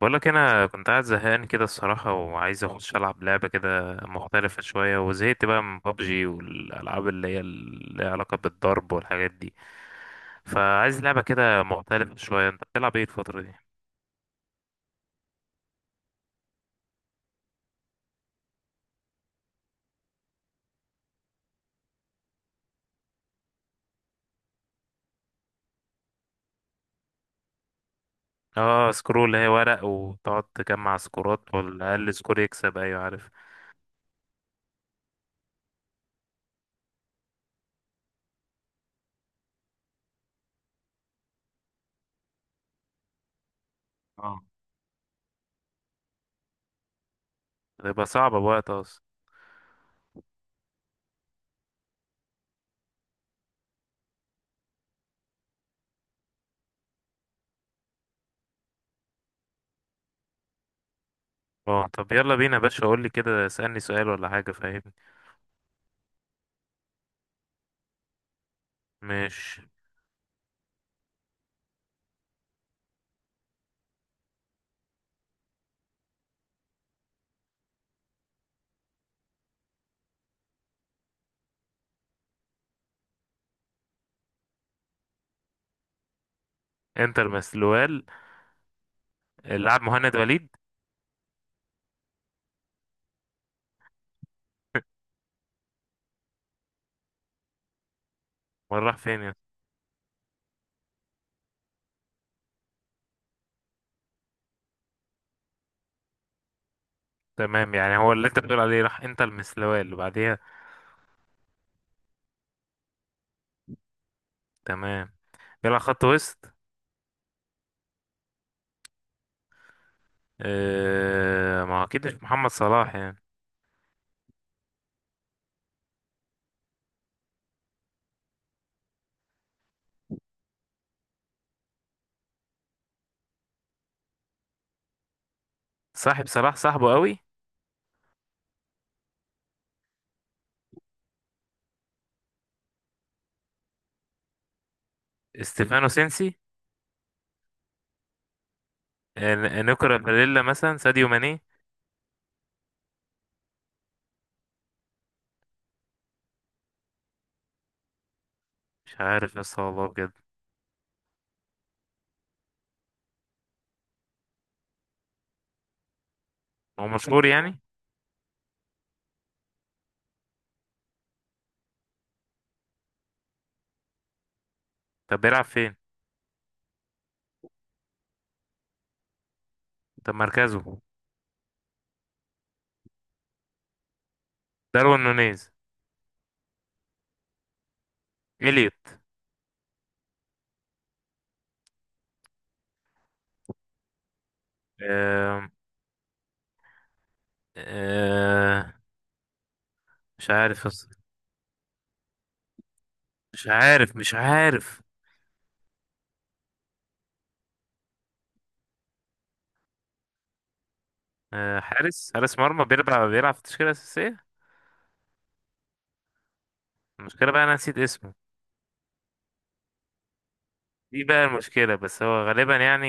بقولك انا كنت قاعد زهقان كده الصراحه، وعايز اخش العب لعبه كده مختلفه شويه، وزهقت بقى من بابجي والالعاب اللي ليها علاقه بالضرب والحاجات دي. فعايز لعبه كده مختلفه شويه، انت بتلعب ايه الفتره دي؟ اه، سكرول اللي هي ورق، وتقعد تجمع سكورات، والاقل سكور يكسب. ايوه عارف. اه، تبقى صعبه بوقت اصلا. اه طب يلا بينا يا باشا، قول لي كده، اسالني سؤال ولا حاجه، فاهمني. مش. انتر مسلوال، اللاعب مهند وليد. ولا راح فين؟ تمام، يعني هو اللي انت بتقول عليه راح، انت المسلوال اللي بعديها. تمام. بيلعب خط وسط؟ اه، ما هو اكيد مش محمد صلاح يعني. صاحب صلاح، صاحبه قوي. استيفانو سينسي. نيكولا باريلا، مثلا ساديو ماني. مش عارف يا اسطى والله بجد. هو مشهور يعني؟ طب بيلعب فين؟ طب مركزه؟ داروين نونيز. إليوت. آه. آه. مش عارف يا اسطى. مش عارف، مش عارف. آه، حارس. حارس مرمى، بيلعب في التشكيلة الأساسية. المشكلة بقى أنا نسيت اسمه. دي بقى المشكلة، بس هو غالبا يعني.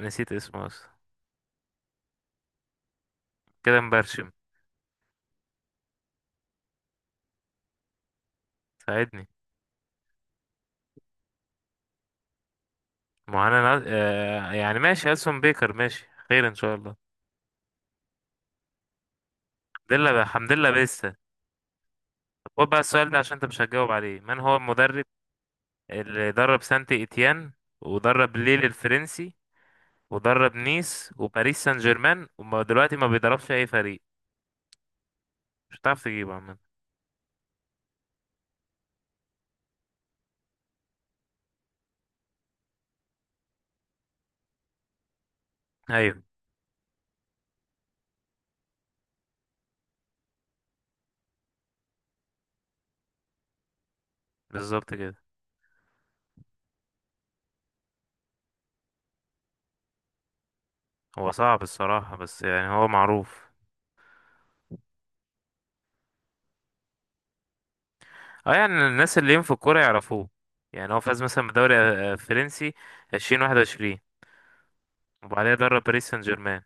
نسيت اسمه اصلا. كده مبرشم. ساعدني. معانا يعني ماشي، ألسون بيكر، ماشي خير ان شاء الله. الحمد لله. الحمد لله لسه. طب خد بقى السؤال ده، عشان انت مش هتجاوب عليه. من هو المدرب اللي درب سانت ايتيان، ودرب ليل الفرنسي، ودرب نيس وباريس سان جيرمان، ودلوقتي ما بيدربش اي فريق؟ مش هتعرف تجيبه عامة. ايوه، بالظبط كده. هو صعب الصراحة، بس يعني هو معروف. اه، يعني الناس اللي ليهم في الكورة يعرفوه. يعني هو فاز مثلا بدوري فرنسي 2021، وبعدها درب باريس سان جيرمان.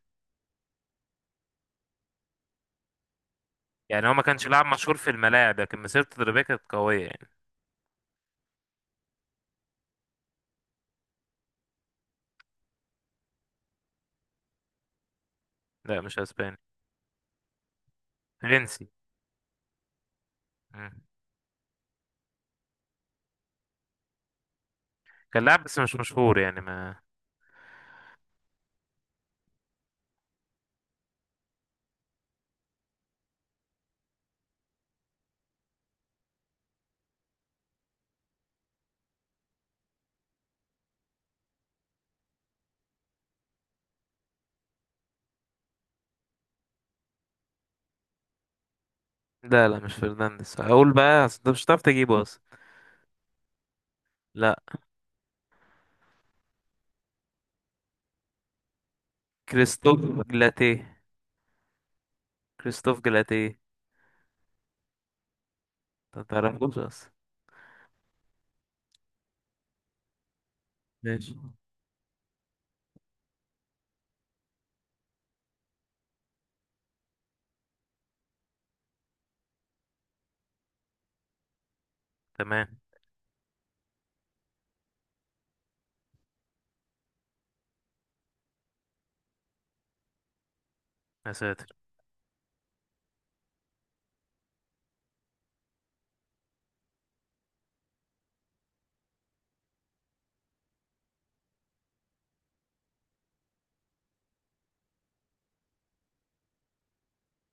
يعني هو ما كانش لاعب مشهور في الملاعب، لكن مسيرته التدريبية كانت قوية يعني. لا، مش اسباني. فرنسي. مم. كان لاعب، بس مش مشهور يعني ما. لا لا، مش فرنانديز. هقول بقى، اصل انت مش هتعرف تجيبه اصلا. لا. كريستوف جلاتيه. كريستوف جلاتيه. ما تعرفوش اصلا. ماشي. تمام. يا ساتر.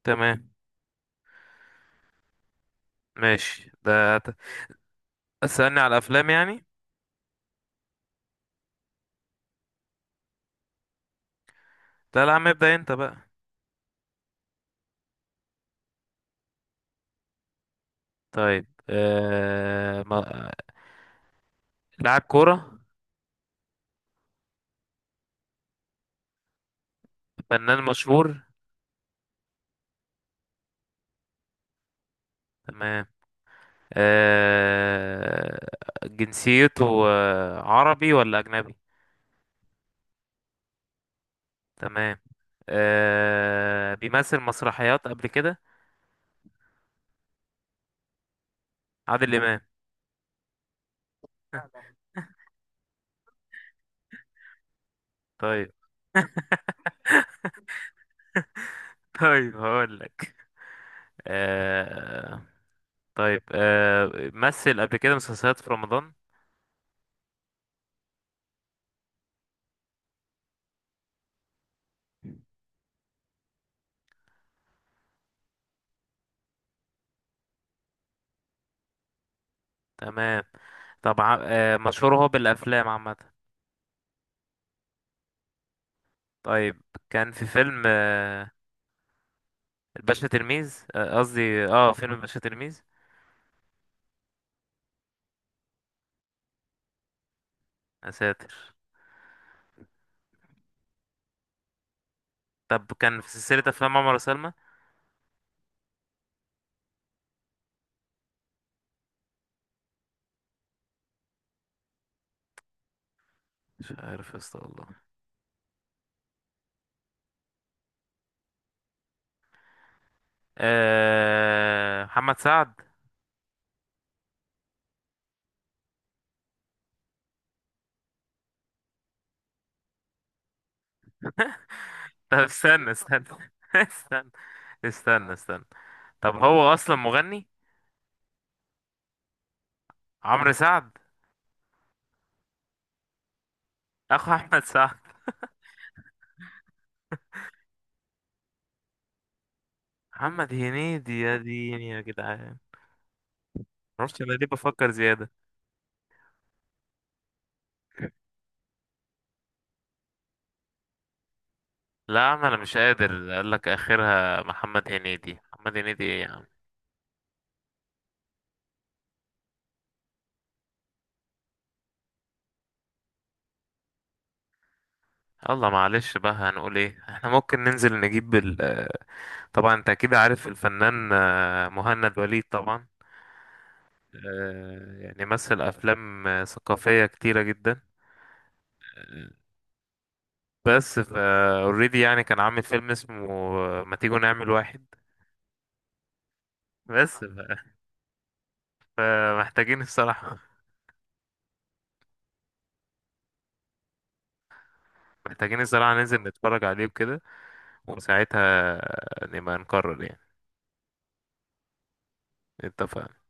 تمام. ماشي، ده اسألني على الافلام يعني. لا لا يا عم، ابدأ انت بقى. طيب. ما... لاعب كورة؟ فنان مشهور؟ تمام. آه... جنسيته عربي ولا أجنبي؟ تمام. بيمثل مسرحيات قبل كده؟ عادل إمام؟ طيب. طيب هقول لك. آه... طيب مثل قبل كده مسلسلات في رمضان؟ تمام. طب مشهور هو بالأفلام عامة؟ طيب. كان في فيلم الباشا تلميذ. قصدي فيلم الباشا تلميذ. يا ساتر. طب كان في سلسلة أفلام عمر وسلمى؟ مش عارف يا اسطى والله. محمد سعد؟ طب استنى، استنى. استنى، استنى، استنى. طب هو أصلا مغني؟ عمرو سعد؟ أخو أحمد سعد؟ محمد هنيدي، يا ديني يا جدعان. معرفش أنا ليه بفكر زيادة. لا، ما أنا مش قادر. قال لك آخرها محمد هنيدي. محمد هنيدي إيه يا عم. يلا معلش بقى، هنقول ايه، احنا ممكن ننزل نجيب ال. طبعا انت اكيد عارف الفنان مهند وليد طبعا. يعني مثل افلام ثقافيه كتيره جدا. آه، بس ف اوريدي يعني كان عامل فيلم اسمه ما تيجوا نعمل واحد. بس فمحتاجين الصراحه. محتاجين الصراحه، ننزل نتفرج عليه وكده. وساعتها نبقى نقرر يعني. اتفقنا.